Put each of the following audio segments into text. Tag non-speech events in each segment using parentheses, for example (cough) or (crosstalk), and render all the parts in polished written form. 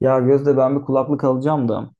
Ya Gözde ben bir kulaklık alacağım da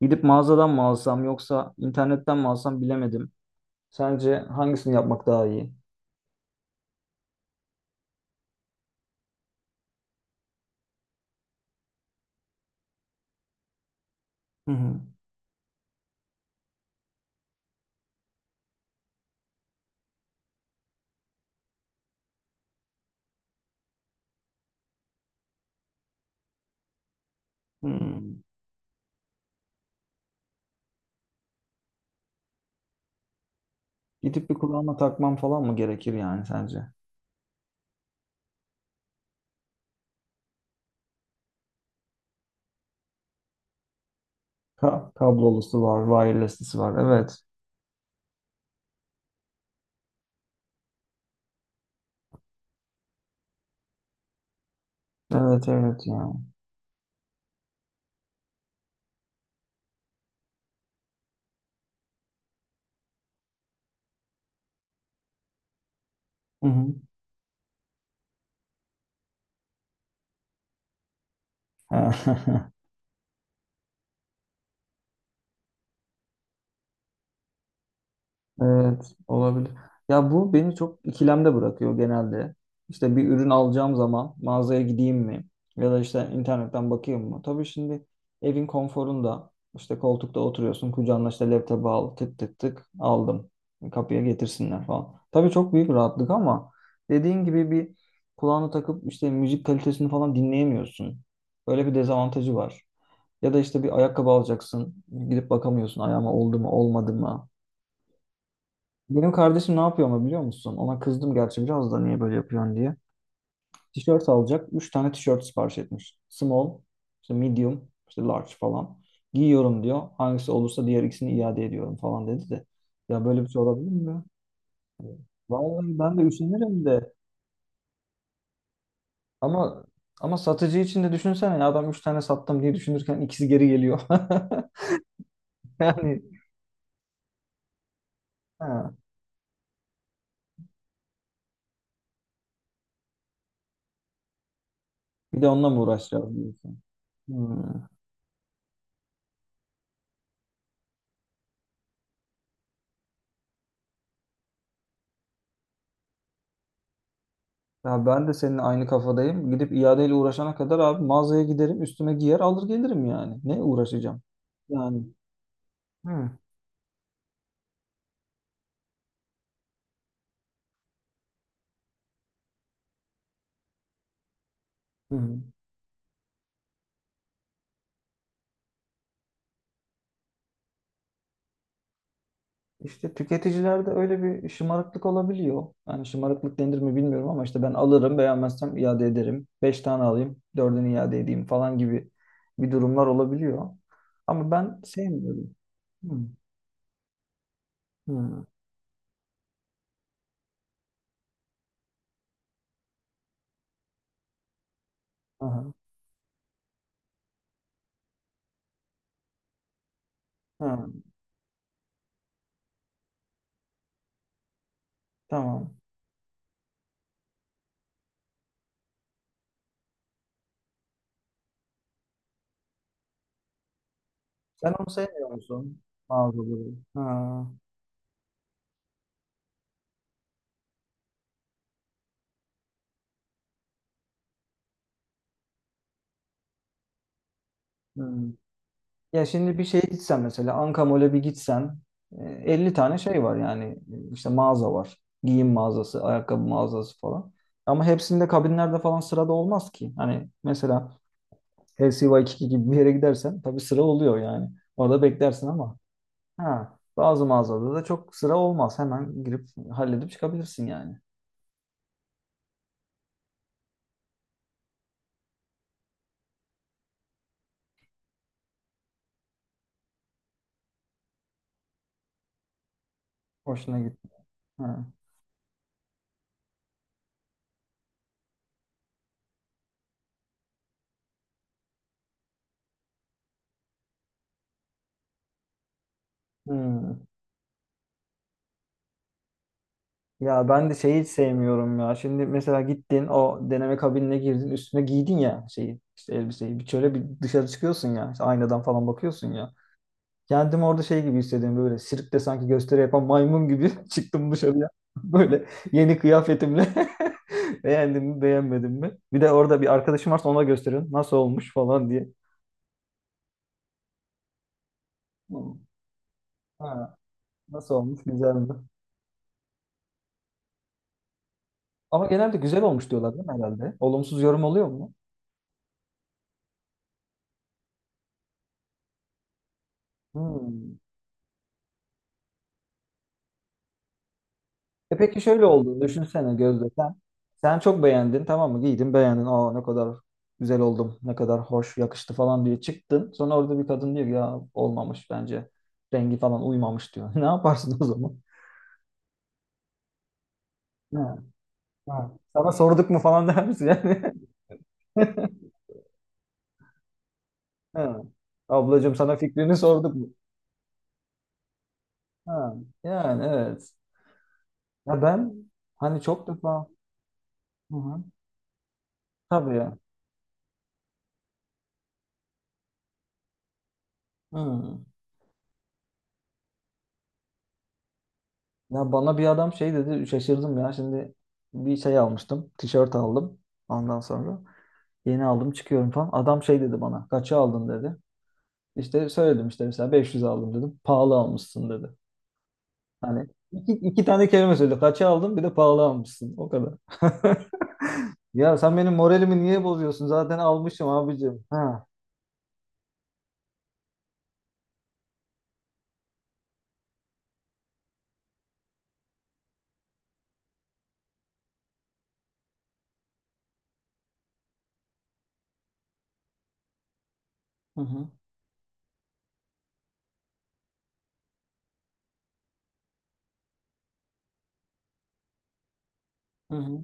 gidip mağazadan mı alsam yoksa internetten mi alsam bilemedim. Sence hangisini yapmak daha iyi? Hı hı. Hmm. Gidip bir kulağıma takmam falan mı gerekir yani sence? Kablolusu var, wireless'lısı var. Evet. Evet, evet ya. Hı hı. (laughs) Evet, olabilir. Ya bu beni çok ikilemde bırakıyor genelde. İşte bir ürün alacağım zaman mağazaya gideyim mi? Ya da işte internetten bakayım mı? Tabii şimdi evin konforunda işte koltukta oturuyorsun. Kucağına işte laptopu al. Tık tık tık aldım. Kapıya getirsinler falan. Tabii çok büyük rahatlık ama dediğin gibi bir kulağını takıp işte müzik kalitesini falan dinleyemiyorsun. Böyle bir dezavantajı var. Ya da işte bir ayakkabı alacaksın. Gidip bakamıyorsun, ayağıma oldu mu olmadı mı? Benim kardeşim ne yapıyor ama biliyor musun? Ona kızdım gerçi biraz, da niye böyle yapıyorsun diye. Tişört alacak. Üç tane tişört sipariş etmiş. Small, işte medium, işte large falan. Giyiyorum diyor. Hangisi olursa diğer ikisini iade ediyorum falan dedi de. Ya böyle bir şey olabilir mi? Vallahi ben de üşenirim de. Ama ama satıcı için de düşünsene, ya adam üç tane sattım diye düşünürken ikisi geri geliyor. (laughs) Yani ha, bir de onunla mı uğraşacağız diyorsun? Hmm. Ya ben de senin aynı kafadayım. Gidip iadeyle uğraşana kadar abi mağazaya giderim, üstüme giyer, alır gelirim yani. Ne uğraşacağım? Yani hı, hı. İşte tüketicilerde öyle bir şımarıklık olabiliyor. Yani şımarıklık denir mi bilmiyorum ama işte ben alırım, beğenmezsem iade ederim. Beş tane alayım, dördünü iade edeyim falan gibi bir durumlar olabiliyor. Ama ben sevmiyorum. Hı, hı, aha, hı, tamam. Sen onu sevmiyor musun? Mağazaları. Ha, hı. Ya şimdi bir şeye gitsen, mesela Ankamol'e bir gitsen, 50 tane şey var yani. İşte mağaza var. Giyim mağazası, ayakkabı mağazası falan. Ama hepsinde kabinlerde falan sırada olmaz ki. Hani mesela LCY2 gibi bir yere gidersen tabii sıra oluyor yani. Orada beklersin ama ha, bazı mağazada da çok sıra olmaz. Hemen girip halledip çıkabilirsin yani. Hoşuna gitti. Ha. Hmm. Ya ben de şeyi hiç sevmiyorum ya. Şimdi mesela gittin, o deneme kabinine girdin, üstüne giydin ya şeyi, işte elbiseyi. Bir şöyle bir dışarı çıkıyorsun ya. İşte aynadan falan bakıyorsun ya. Kendimi orada şey gibi hissediyorum, böyle sirkte sanki gösteri yapan maymun gibi (laughs) çıktım dışarıya. (laughs) Böyle yeni kıyafetimle (laughs) beğendim mi beğenmedim mi? Bir de orada bir arkadaşım varsa ona gösterin nasıl olmuş falan diye. Hı. Ha, nasıl olmuş, güzel mi? Ama genelde güzel olmuş diyorlar değil mi herhalde? Olumsuz yorum oluyor mu? Hmm. E peki, şöyle oldu. Düşünsene Gözde sen. Sen çok beğendin, tamam mı? Giydin, beğendin. Aa ne kadar güzel oldum. Ne kadar hoş yakıştı falan diye çıktın. Sonra orada bir kadın diyor ki, ya olmamış bence. Rengi falan uymamış diyor. (laughs) Ne yaparsın o zaman? Ha, ha. Sana sorduk mu falan (laughs) der misin yani? (laughs) Ha. Ablacığım, sana fikrini sorduk mu? Ha. Yani evet. Ya ben hani çok defa. Hı hı. Tabii ya. Hı. Ya bana bir adam şey dedi, şaşırdım ya. Şimdi bir şey almıştım, tişört aldım, ondan sonra yeni aldım, çıkıyorum falan, adam şey dedi bana, kaça aldın dedi. İşte söyledim işte, mesela 500 aldım dedim, pahalı almışsın dedi. Hani iki tane kelime söyledi, kaça aldım, bir de pahalı almışsın, o kadar. (laughs) Ya sen benim moralimi niye bozuyorsun, zaten almışım abicim, ha. Hı hı. Hı hı.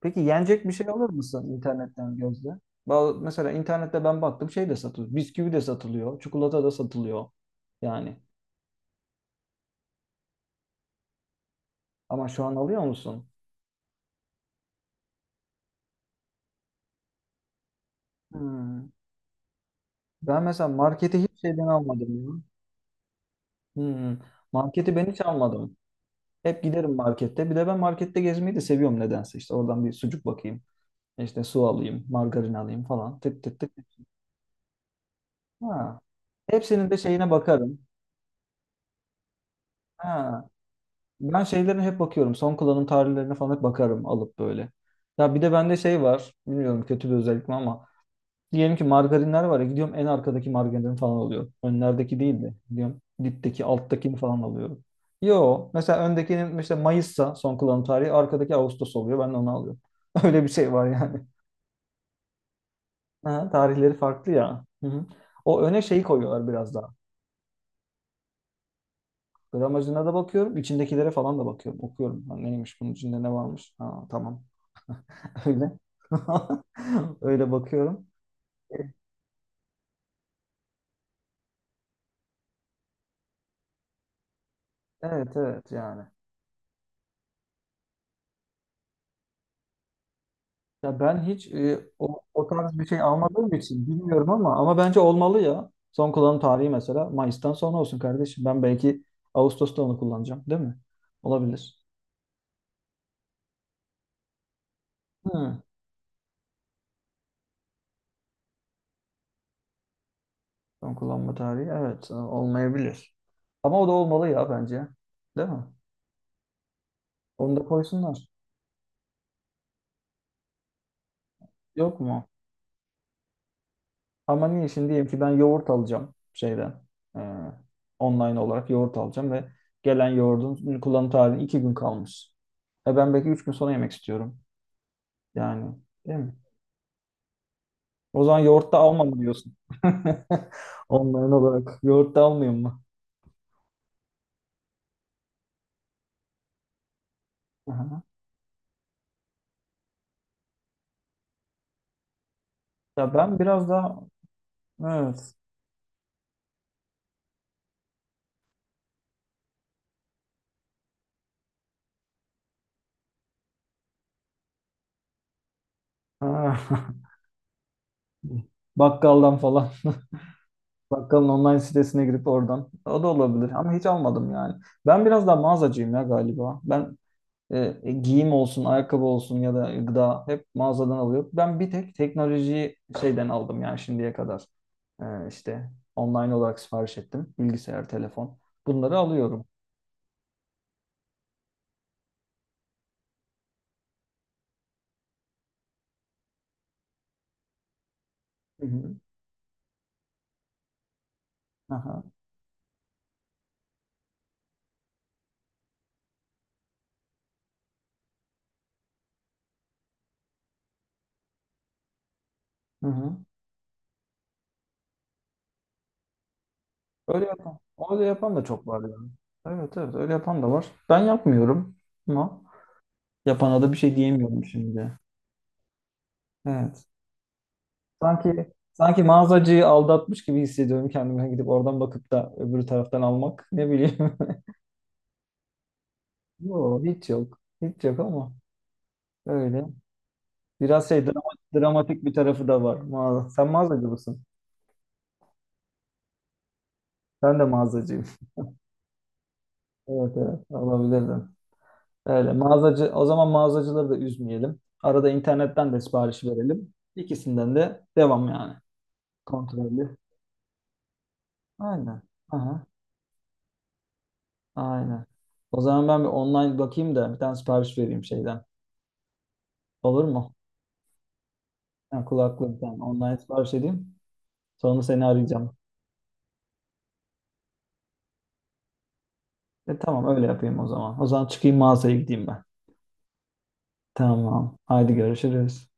Peki, yenecek bir şey alır mısın internetten gözle? Mesela internette ben baktım, şey de satılıyor. Bisküvi de satılıyor. Çikolata da satılıyor. Yani. Ama şu an alıyor musun? Hmm. Ben mesela marketi hiç şeyden almadım ya. Hmm. Marketi ben hiç almadım. Hep giderim markette. Bir de ben markette gezmeyi de seviyorum nedense. İşte oradan bir sucuk bakayım. İşte su alayım, margarin alayım falan. Tık tık tık. Ha. Hepsinin de şeyine bakarım. Ha. Ben şeylerine hep bakıyorum. Son kullanım tarihlerine falan hep bakarım alıp böyle. Ya bir de bende şey var. Bilmiyorum, kötü bir özellik mi ama. Diyelim ki margarinler var ya, gidiyorum en arkadaki margarini falan alıyorum. Önlerdeki değil de gidiyorum dipteki alttakini falan alıyorum. Yo, mesela öndekinin işte Mayıs'sa son kullanım tarihi, arkadaki Ağustos oluyor, ben de onu alıyorum. (laughs) Öyle bir şey var yani. Ha, tarihleri farklı ya. Hı hı. O öne şeyi koyuyorlar biraz daha. Gramajına da bakıyorum. İçindekilere falan da bakıyorum. Okuyorum. Ha, neymiş bunun içinde, ne varmış? Ha, tamam. (laughs) Öyle. (laughs) Öyle bakıyorum. Evet evet yani. Ya ben hiç o tarz bir şey almadığım için bilmiyorum, ama bence olmalı ya. Son kullanım tarihi mesela Mayıs'tan sonra olsun kardeşim. Ben belki Ağustos'ta onu kullanacağım, değil mi? Olabilir. Hmm. Son kullanma tarihi evet, olmayabilir. Ama o da olmalı ya bence. Değil mi? Onu da koysunlar. Yok mu? Ama niye şimdi diyelim ki ben yoğurt alacağım şeyden, e, online olarak yoğurt alacağım ve gelen yoğurdun kullanım tarihine iki gün kalmış. E ben belki üç gün sonra yemek istiyorum. Yani değil mi? O zaman yoğurt da almam diyorsun. (laughs) Online olarak yoğurt da almayayım mı? Aha. Ya ben biraz daha evet. Ha. (laughs) Bakkaldan falan. (laughs) Bakkalın online sitesine girip oradan. O da olabilir ama hiç almadım yani. Ben biraz daha mağazacıyım ya galiba. Ben giyim olsun, ayakkabı olsun ya da gıda hep mağazadan alıyor. Ben bir tek teknolojiyi şeyden aldım yani şimdiye kadar. İşte online olarak sipariş ettim. Bilgisayar, telefon. Bunları alıyorum. Hı hı. Aha. Hı hı. Öyle yapan. Öyle yapan da çok var yani. Evet evet öyle yapan da var. Ben yapmıyorum ama yapana da bir şey diyemiyorum şimdi. Evet. Sanki mağazacıyı aldatmış gibi hissediyorum kendime, gidip oradan bakıp da öbür taraftan almak. Ne bileyim. (laughs) Yok, hiç yok. Hiç yok ama öyle. Biraz şey, dramatik, dramatik bir tarafı da var. Mağaza. Sen mağazacı mısın? Ben de mağazacıyım. Evet evet olabilirdim. Öyle mağazacı, o zaman mağazacıları da üzmeyelim. Arada internetten de sipariş verelim. İkisinden de devam yani. Kontrollü. Aynen. Aha, aynen. O zaman ben bir online bakayım da bir tane sipariş vereyim şeyden. Olur mu? Yani kulaklığından online sipariş edeyim. Sonra seni arayacağım. E tamam, öyle yapayım o zaman. O zaman çıkayım, mağazaya gideyim ben. Tamam. Haydi, görüşürüz.